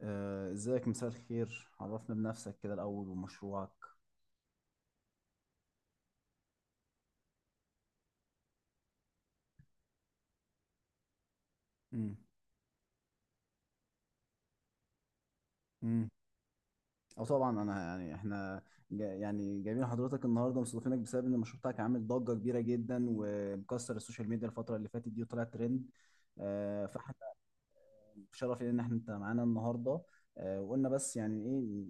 ازيك مساء الخير، عرفنا بنفسك كده الاول ومشروعك. امم امم او طبعا انا يعني احنا جا يعني جايبين حضرتك النهارده، مستضيفينك بسبب ان المشروع بتاعك عامل ضجه كبيره جدا ومكسر السوشيال ميديا الفتره اللي فاتت دي وطلع ترند. فاحنا بشرف لينا ان احنا انت معانا النهارده. وقلنا بس يعني ايه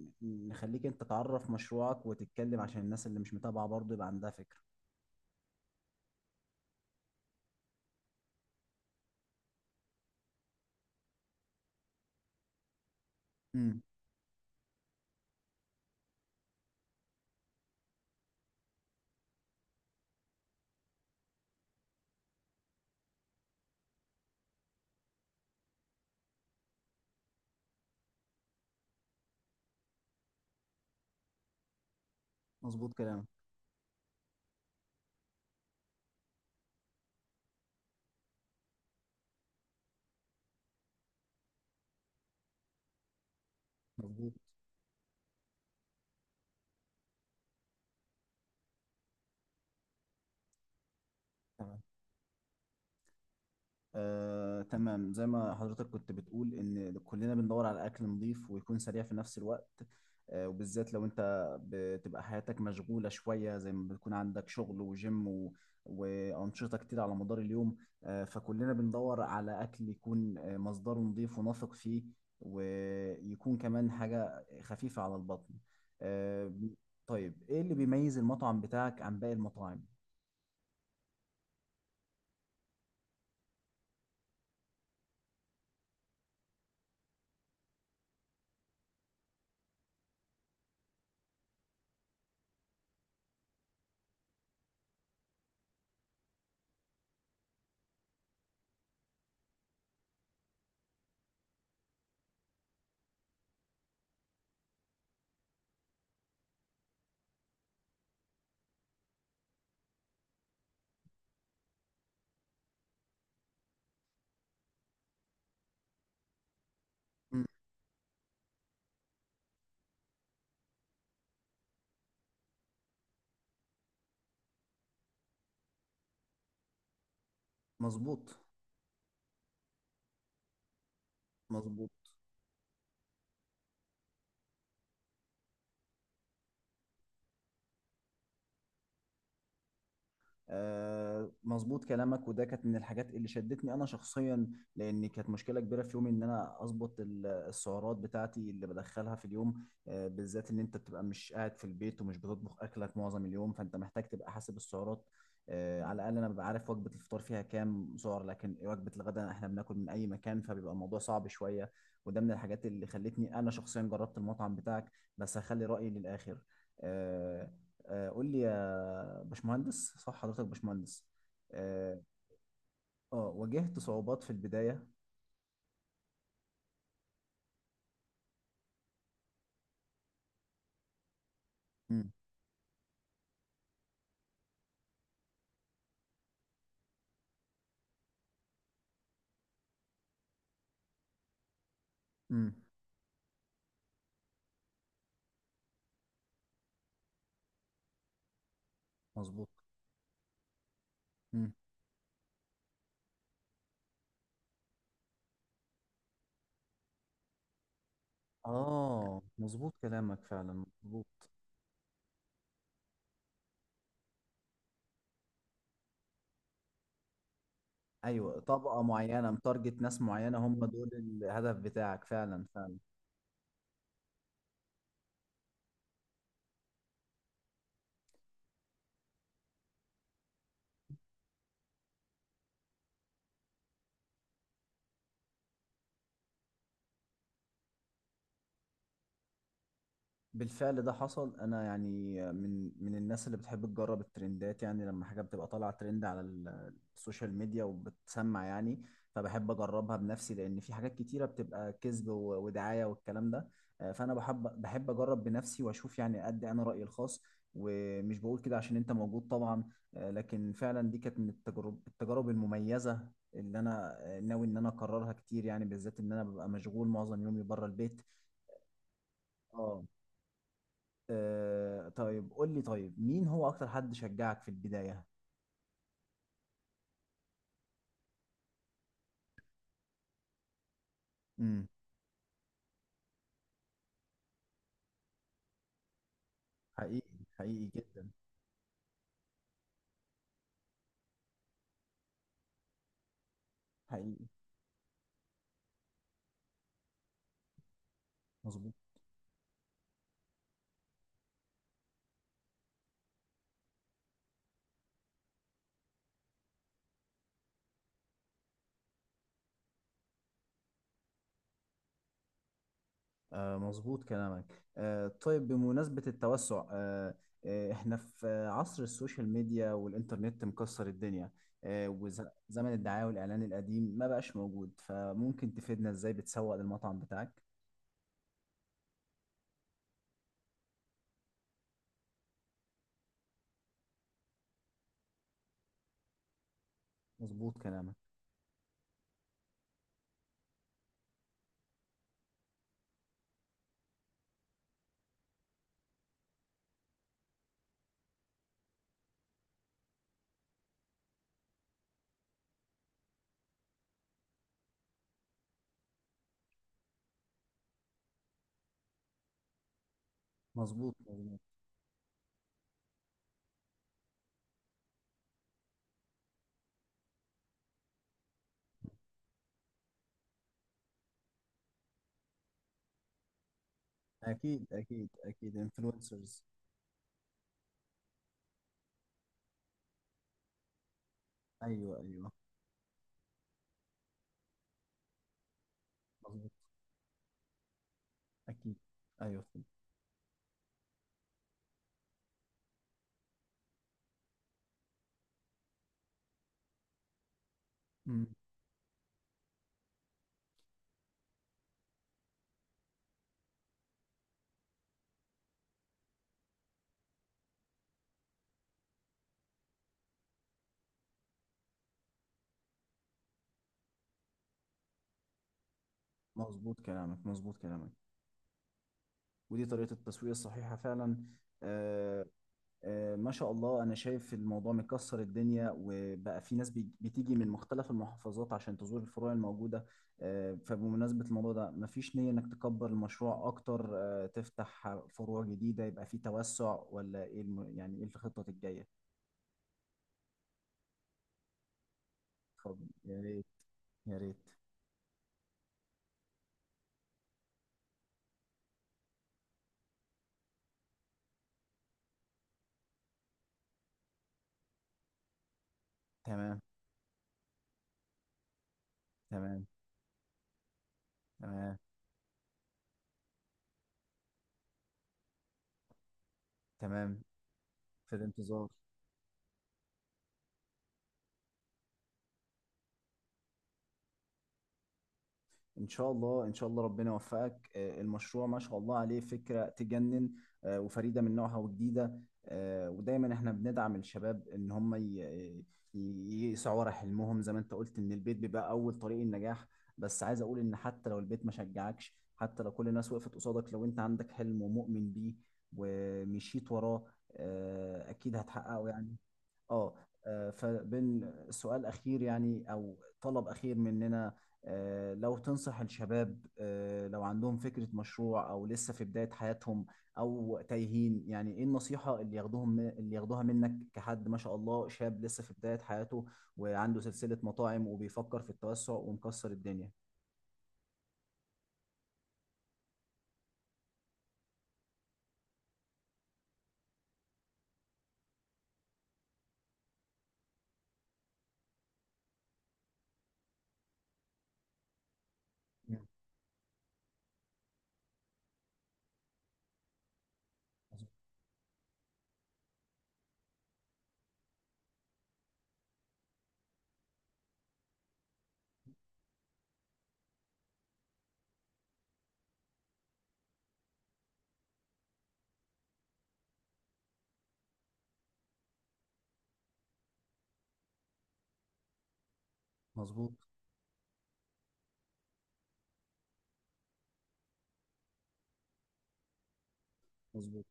نخليك انت تعرف مشروعك وتتكلم عشان الناس اللي مش متابعه برضه يبقى عندها فكره. امم. مظبوط كلام. مظبوط. تمام، زي ما حضرتك كنت بتقول ان كلنا بندور على اكل نظيف ويكون سريع في نفس الوقت. وبالذات لو انت بتبقى حياتك مشغولة شوية، زي ما بتكون عندك شغل وجيم وأنشطة كتير على مدار اليوم. فكلنا بندور على أكل يكون مصدره نظيف ونثق فيه، ويكون كمان حاجة خفيفة على البطن. آه، طيب إيه اللي بيميز المطعم بتاعك عن باقي المطاعم؟ مم. مظبوط. مظبوط. مظبوط كلامك، وده كانت من الحاجات اللي شدتني انا شخصيا، لان كانت مشكله كبيره في يومي ان انا اظبط السعرات بتاعتي اللي بدخلها في اليوم. بالذات ان انت بتبقى مش قاعد في البيت ومش بتطبخ اكلك معظم اليوم، فانت محتاج تبقى حاسب السعرات. على الاقل انا ببقى عارف وجبه الفطار فيها كام سعر، لكن وجبه الغداء احنا بناكل من اي مكان فبيبقى الموضوع صعب شويه. وده من الحاجات اللي خلتني انا شخصيا جربت المطعم بتاعك، بس هخلي رايي للاخر. آه، قول لي يا باشمهندس، صح حضرتك باشمهندس؟ اه. واجهت صعوبات في البداية؟ امم. امم. مظبوط. امم. اه، مظبوط كلامك فعلا، مظبوط. ايوه، طبقة معينة متارجت، ناس معينة هم دول الهدف بتاعك فعلا. بالفعل ده حصل، انا يعني من الناس اللي بتحب تجرب الترندات، يعني لما حاجه بتبقى طالعه ترند على السوشيال ميديا وبتسمع يعني، فبحب اجربها بنفسي، لان في حاجات كتيره بتبقى كذب ودعايه والكلام ده. فانا بحب اجرب بنفسي واشوف يعني ادي انا رايي الخاص، ومش بقول كده عشان انت موجود طبعا. لكن فعلا دي كانت من التجارب المميزه اللي انا ناوي ان انا اكررها كتير، يعني بالذات ان انا ببقى مشغول معظم يومي بره البيت. اه. آه طيب قول لي، طيب مين هو اكتر حد شجعك في البداية؟ امم. حقيقي. حقيقي جدا. حقيقي. مظبوط. آه مظبوط كلامك. آه طيب بمناسبة التوسع، احنا في عصر السوشيال ميديا والإنترنت مكسر الدنيا. آه، وزمن الدعاية والإعلان القديم ما بقاش موجود، فممكن تفيدنا ازاي بتسوق للمطعم بتاعك؟ مظبوط كلامك. مظبوط. مظبوط. أكيد أكيد أكيد، انفلونسرز. أيوه أيوه. مظبوط. أكيد. أيوه. مم. مظبوط كلامك، مظبوط كلامك. ودي طريقة التسويق الصحيحة فعلا. آه، ما شاء الله، أنا شايف الموضوع مكسر الدنيا وبقى في ناس بتيجي من مختلف المحافظات عشان تزور الفروع الموجودة. فبمناسبة الموضوع ده، مفيش نية إنك تكبر المشروع أكتر، تفتح فروع جديدة يبقى في توسع، ولا إيه يعني إيه الخطة الجاية؟ اتفضل يا ريت، يا ريت. تمام. تمام. تمام. تمام. في الانتظار. ان شاء الله، ان شاء الله ربنا يوفقك. آه، المشروع ما شاء الله عليه، فكرة تجنن وفريدة من نوعها وجديدة. ودايما احنا بندعم الشباب ان هم يسعوا ورا حلمهم، زي ما انت قلت ان البيت بيبقى اول طريق النجاح. بس عايز اقول ان حتى لو البيت ما شجعكش، حتى لو كل الناس وقفت قصادك، لو انت عندك حلم ومؤمن بيه ومشيت وراه، اكيد هتحققه يعني. اه. فبين سؤال اخير يعني او طلب اخير مننا، لو تنصح الشباب، لو عندهم فكرة مشروع او لسه في بداية حياتهم او تايهين، يعني ايه النصيحة اللي ياخدوهم اللي ياخدوها منك كحد ما شاء الله شاب لسه في بداية حياته وعنده سلسلة مطاعم وبيفكر في التوسع ومكسر الدنيا. مم. مظبوط. مظبوط.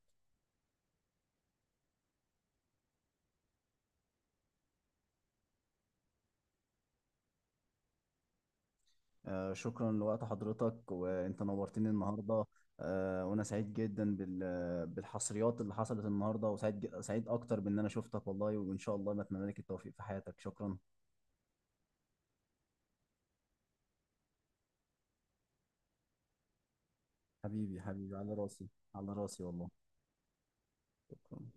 آه، شكرا لوقت حضرتك، وانت نورتني النهارده. وانا سعيد جدا بالحصريات اللي حصلت النهارده، وسعيد سعيد اكتر بان انا شفتك والله، وان شاء الله بتمنى لك التوفيق في حياتك. شكرا. حبيبي حبيبي على راسي. على راسي والله. شكرا.